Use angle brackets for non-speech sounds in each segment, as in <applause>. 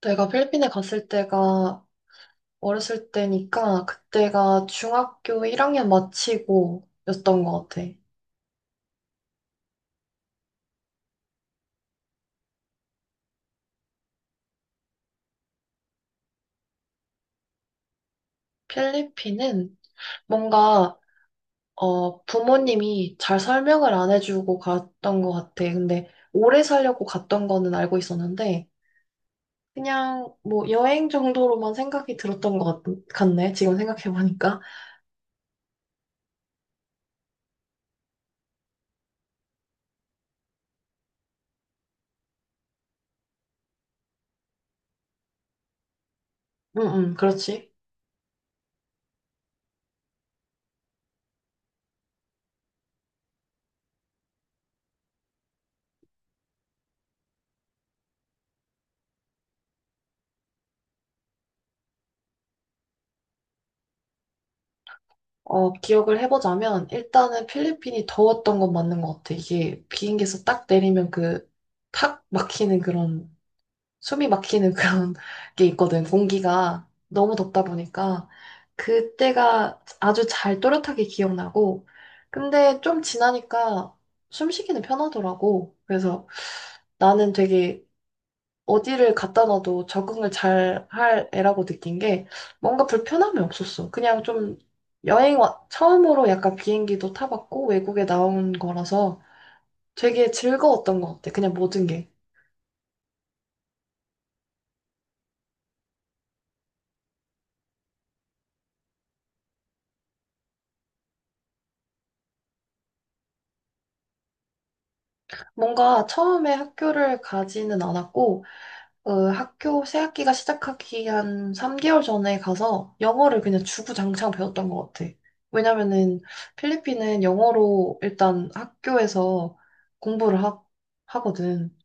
내가 필리핀에 갔을 때가 어렸을 때니까 그때가 중학교 1학년 마치고였던 것 같아. 필리핀은 뭔가 부모님이 잘 설명을 안 해주고 갔던 것 같아. 근데 오래 살려고 갔던 거는 알고 있었는데 그냥 뭐 여행 정도로만 생각이 들었던 것 같네. 지금 생각해보니까. 응, 응, 그렇지. 기억을 해보자면, 일단은 필리핀이 더웠던 건 맞는 것 같아. 이게 비행기에서 딱 내리면 탁 막히는 그런, 숨이 막히는 그런 <laughs> 게 있거든. 공기가 너무 덥다 보니까. 그때가 아주 잘 또렷하게 기억나고, 근데 좀 지나니까 숨쉬기는 편하더라고. 그래서 나는 되게 어디를 갖다 놔도 적응을 잘 할 애라고 느낀 게 뭔가 불편함이 없었어. 그냥 좀 여행 와, 처음으로 약간 비행기도 타봤고 외국에 나온 거라서 되게 즐거웠던 것 같아. 그냥 모든 게. 뭔가 처음에 학교를 가지는 않았고, 학교 새 학기가 시작하기 한 3개월 전에 가서 영어를 그냥 주구장창 배웠던 것 같아. 왜냐면은 필리핀은 영어로 일단 학교에서 공부를 거든.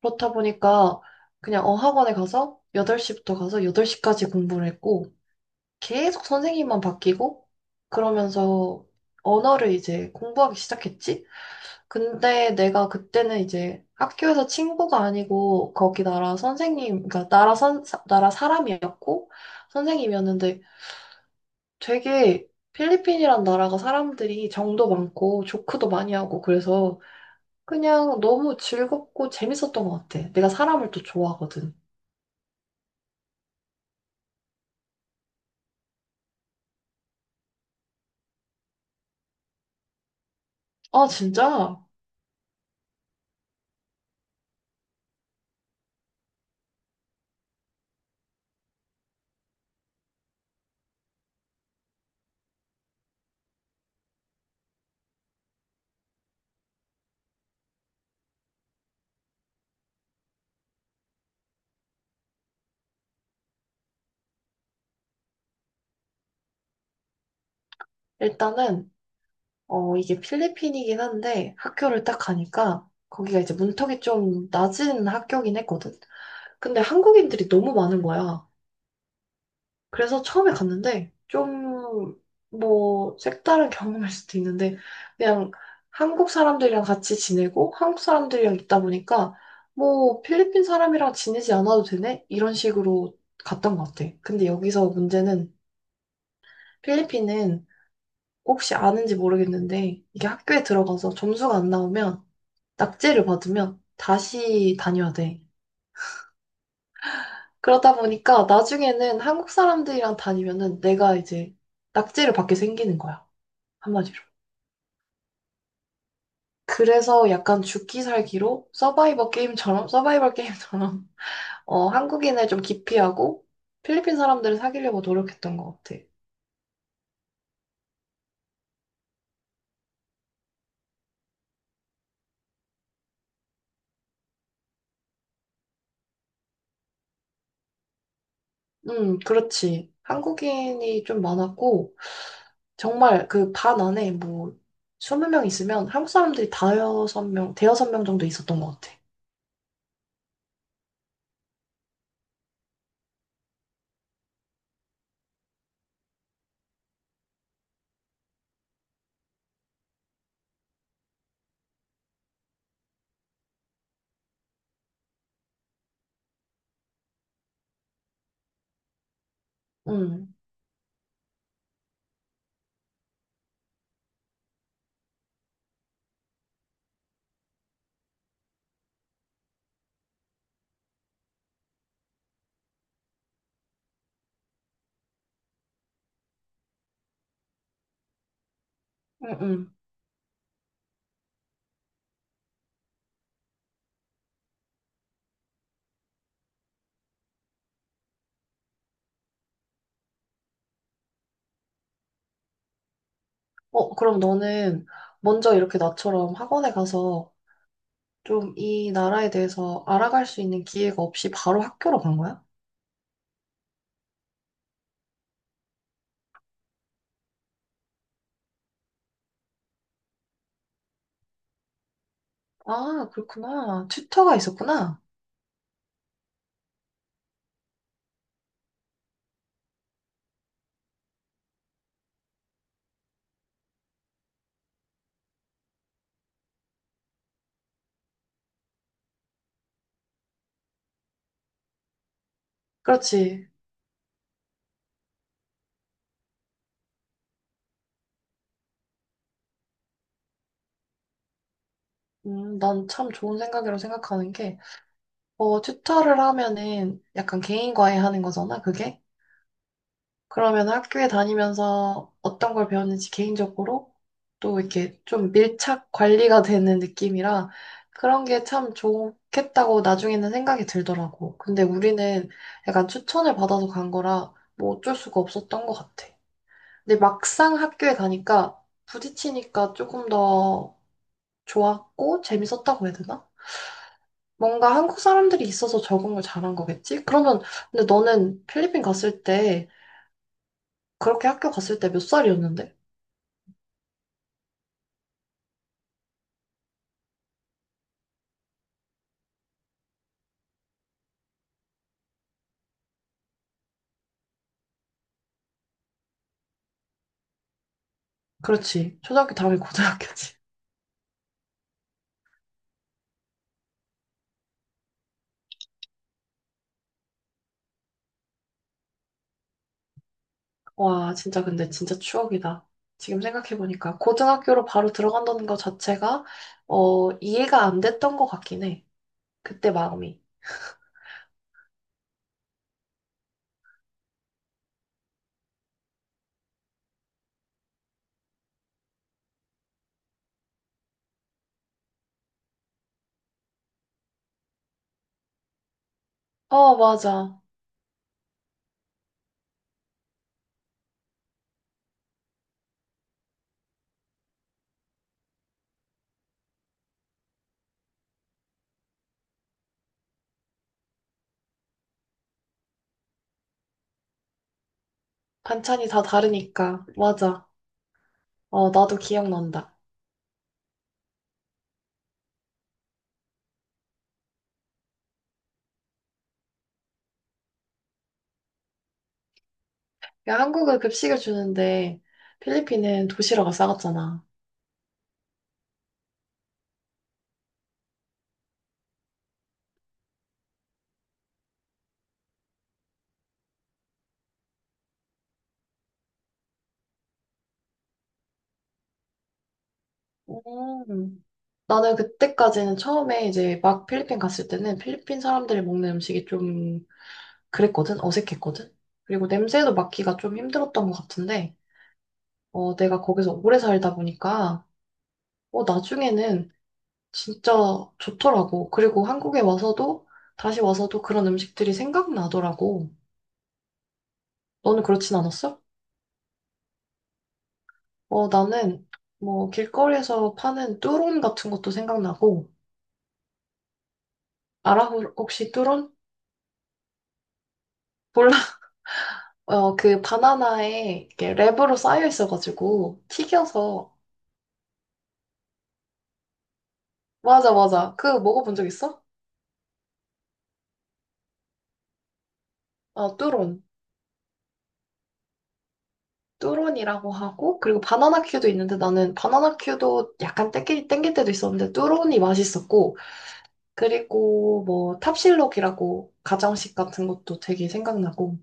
그렇다 보니까 그냥 학원에 가서 8시부터 가서 8시까지 공부를 했고 계속 선생님만 바뀌고 그러면서 언어를 이제 공부하기 시작했지. 근데 내가 그때는 이제 학교에서 친구가 아니고 거기 나라 선생님, 그러니까 나라 사람이었고 선생님이었는데 되게 필리핀이란 나라가 사람들이 정도 많고 조크도 많이 하고 그래서 그냥 너무 즐겁고 재밌었던 것 같아. 내가 사람을 또 좋아하거든. 아, 진짜? 일단은, 이게 필리핀이긴 한데, 학교를 딱 가니까, 거기가 이제 문턱이 좀 낮은 학교긴 했거든. 근데 한국인들이 너무 많은 거야. 그래서 처음에 갔는데, 좀, 뭐, 색다른 경험일 수도 있는데, 그냥 한국 사람들이랑 같이 지내고, 한국 사람들이랑 있다 보니까, 뭐, 필리핀 사람이랑 지내지 않아도 되네? 이런 식으로 갔던 것 같아. 근데 여기서 문제는, 필리핀은 혹시 아는지 모르겠는데, 이게 학교에 들어가서 점수가 안 나오면, 낙제를 받으면 다시 다녀야 돼. 그러다 보니까 나중에는 한국 사람들이랑 다니면은 내가 이제 낙제를 받게 생기는 거야. 한마디로. 그래서 약간 죽기 살기로 서바이벌 게임처럼, <laughs> 한국인을 좀 기피하고 필리핀 사람들을 사귀려고 노력했던 것 같아. 그렇지. 한국인이 좀 많았고, 정말 그 반 안에 뭐 20명 있으면 한국 사람들이 대여섯 명 정도 있었던 것 같아. 응, 응, 응. 어, 그럼 너는 먼저 이렇게 나처럼 학원에 가서 좀 이 나라에 대해서 알아갈 수 있는 기회가 없이 바로 학교로 간 거야? 아, 그렇구나. 튜터가 있었구나. 그렇지. 난 참 좋은 생각이라고 생각하는 게, 튜터를 하면은 약간 개인과외 하는 거잖아, 그게? 그러면 학교에 다니면서 어떤 걸 배웠는지 개인적으로 또 이렇게 좀 밀착 관리가 되는 느낌이라 그런 게 참 좋겠다고 나중에는 생각이 들더라고. 근데 우리는 약간 추천을 받아서 간 거라 뭐 어쩔 수가 없었던 것 같아. 근데 막상 학교에 가니까 부딪히니까 조금 더 좋았고 재밌었다고 해야 되나? 뭔가 한국 사람들이 있어서 적응을 잘한 거겠지? 그러면 근데 너는 필리핀 갔을 때 그렇게 학교 갔을 때 몇 살이었는데? 그렇지. 초등학교 다음에 고등학교지. 와, 진짜 근데 진짜 추억이다. 지금 생각해보니까 고등학교로 바로 들어간다는 것 자체가 이해가 안 됐던 것 같긴 해. 그때 마음이. 어, 맞아. 반찬이 다 다르니까. 맞아. 어, 나도 기억난다. 야, 한국은 급식을 주는데 필리핀은 도시락을 싸갔잖아. 음. 나는 그때까지는 처음에 이제 막 필리핀 갔을 때는 필리핀 사람들이 먹는 음식이 좀 그랬거든? 어색했거든? 그리고 냄새도 맡기가 좀 힘들었던 것 같은데, 내가 거기서 오래 살다 보니까, 나중에는 진짜 좋더라고. 그리고 한국에 와서도, 다시 와서도 그런 음식들이 생각나더라고. 너는 그렇진 않았어? 나는 뭐 길거리에서 파는 뚜론 같은 것도 생각나고, 알아? 혹시 뚜론? 몰라. <laughs> 그 바나나에 이렇게 랩으로 쌓여 있어가지고, 튀겨서, 맞아, 맞아. 그 먹어본 적 있어? 아, 뚜론. 뚜론이라고 하고, 그리고 바나나 큐도 있는데 나는 바나나 큐도 약간 땡길 때도 있었는데 뚜론이 맛있었고, 그리고 뭐 탑실록이라고 가정식 같은 것도 되게 생각나고,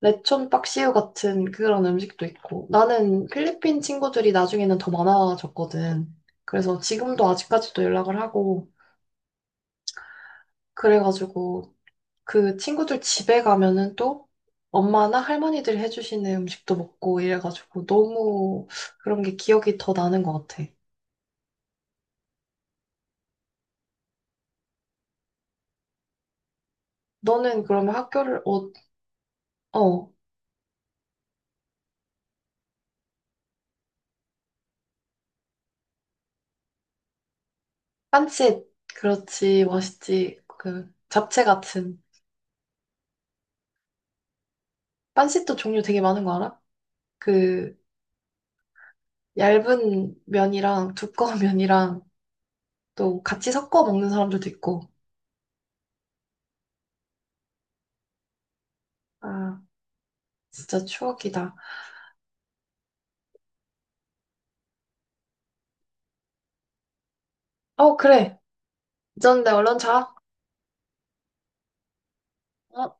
레촌 박시우 같은 그런 음식도 있고, 나는 필리핀 친구들이 나중에는 더 많아졌거든. 그래서 지금도 아직까지도 연락을 하고, 그래가지고 그 친구들 집에 가면은 또 엄마나 할머니들이 해주시는 음식도 먹고 이래가지고 너무 그런 게 기억이 더 나는 것 같아. 너는 그러면 학교를, 어, 빤짓. 그렇지, 맛있지. 그 잡채 같은. 빤짓도 종류 되게 많은 거 알아? 그 얇은 면이랑 두꺼운 <laughs> 면이랑 또 같이 섞어 먹는 사람들도 있고. 아, 진짜 추억이다. 어, 그래. 잊었는데 얼른 자. 어?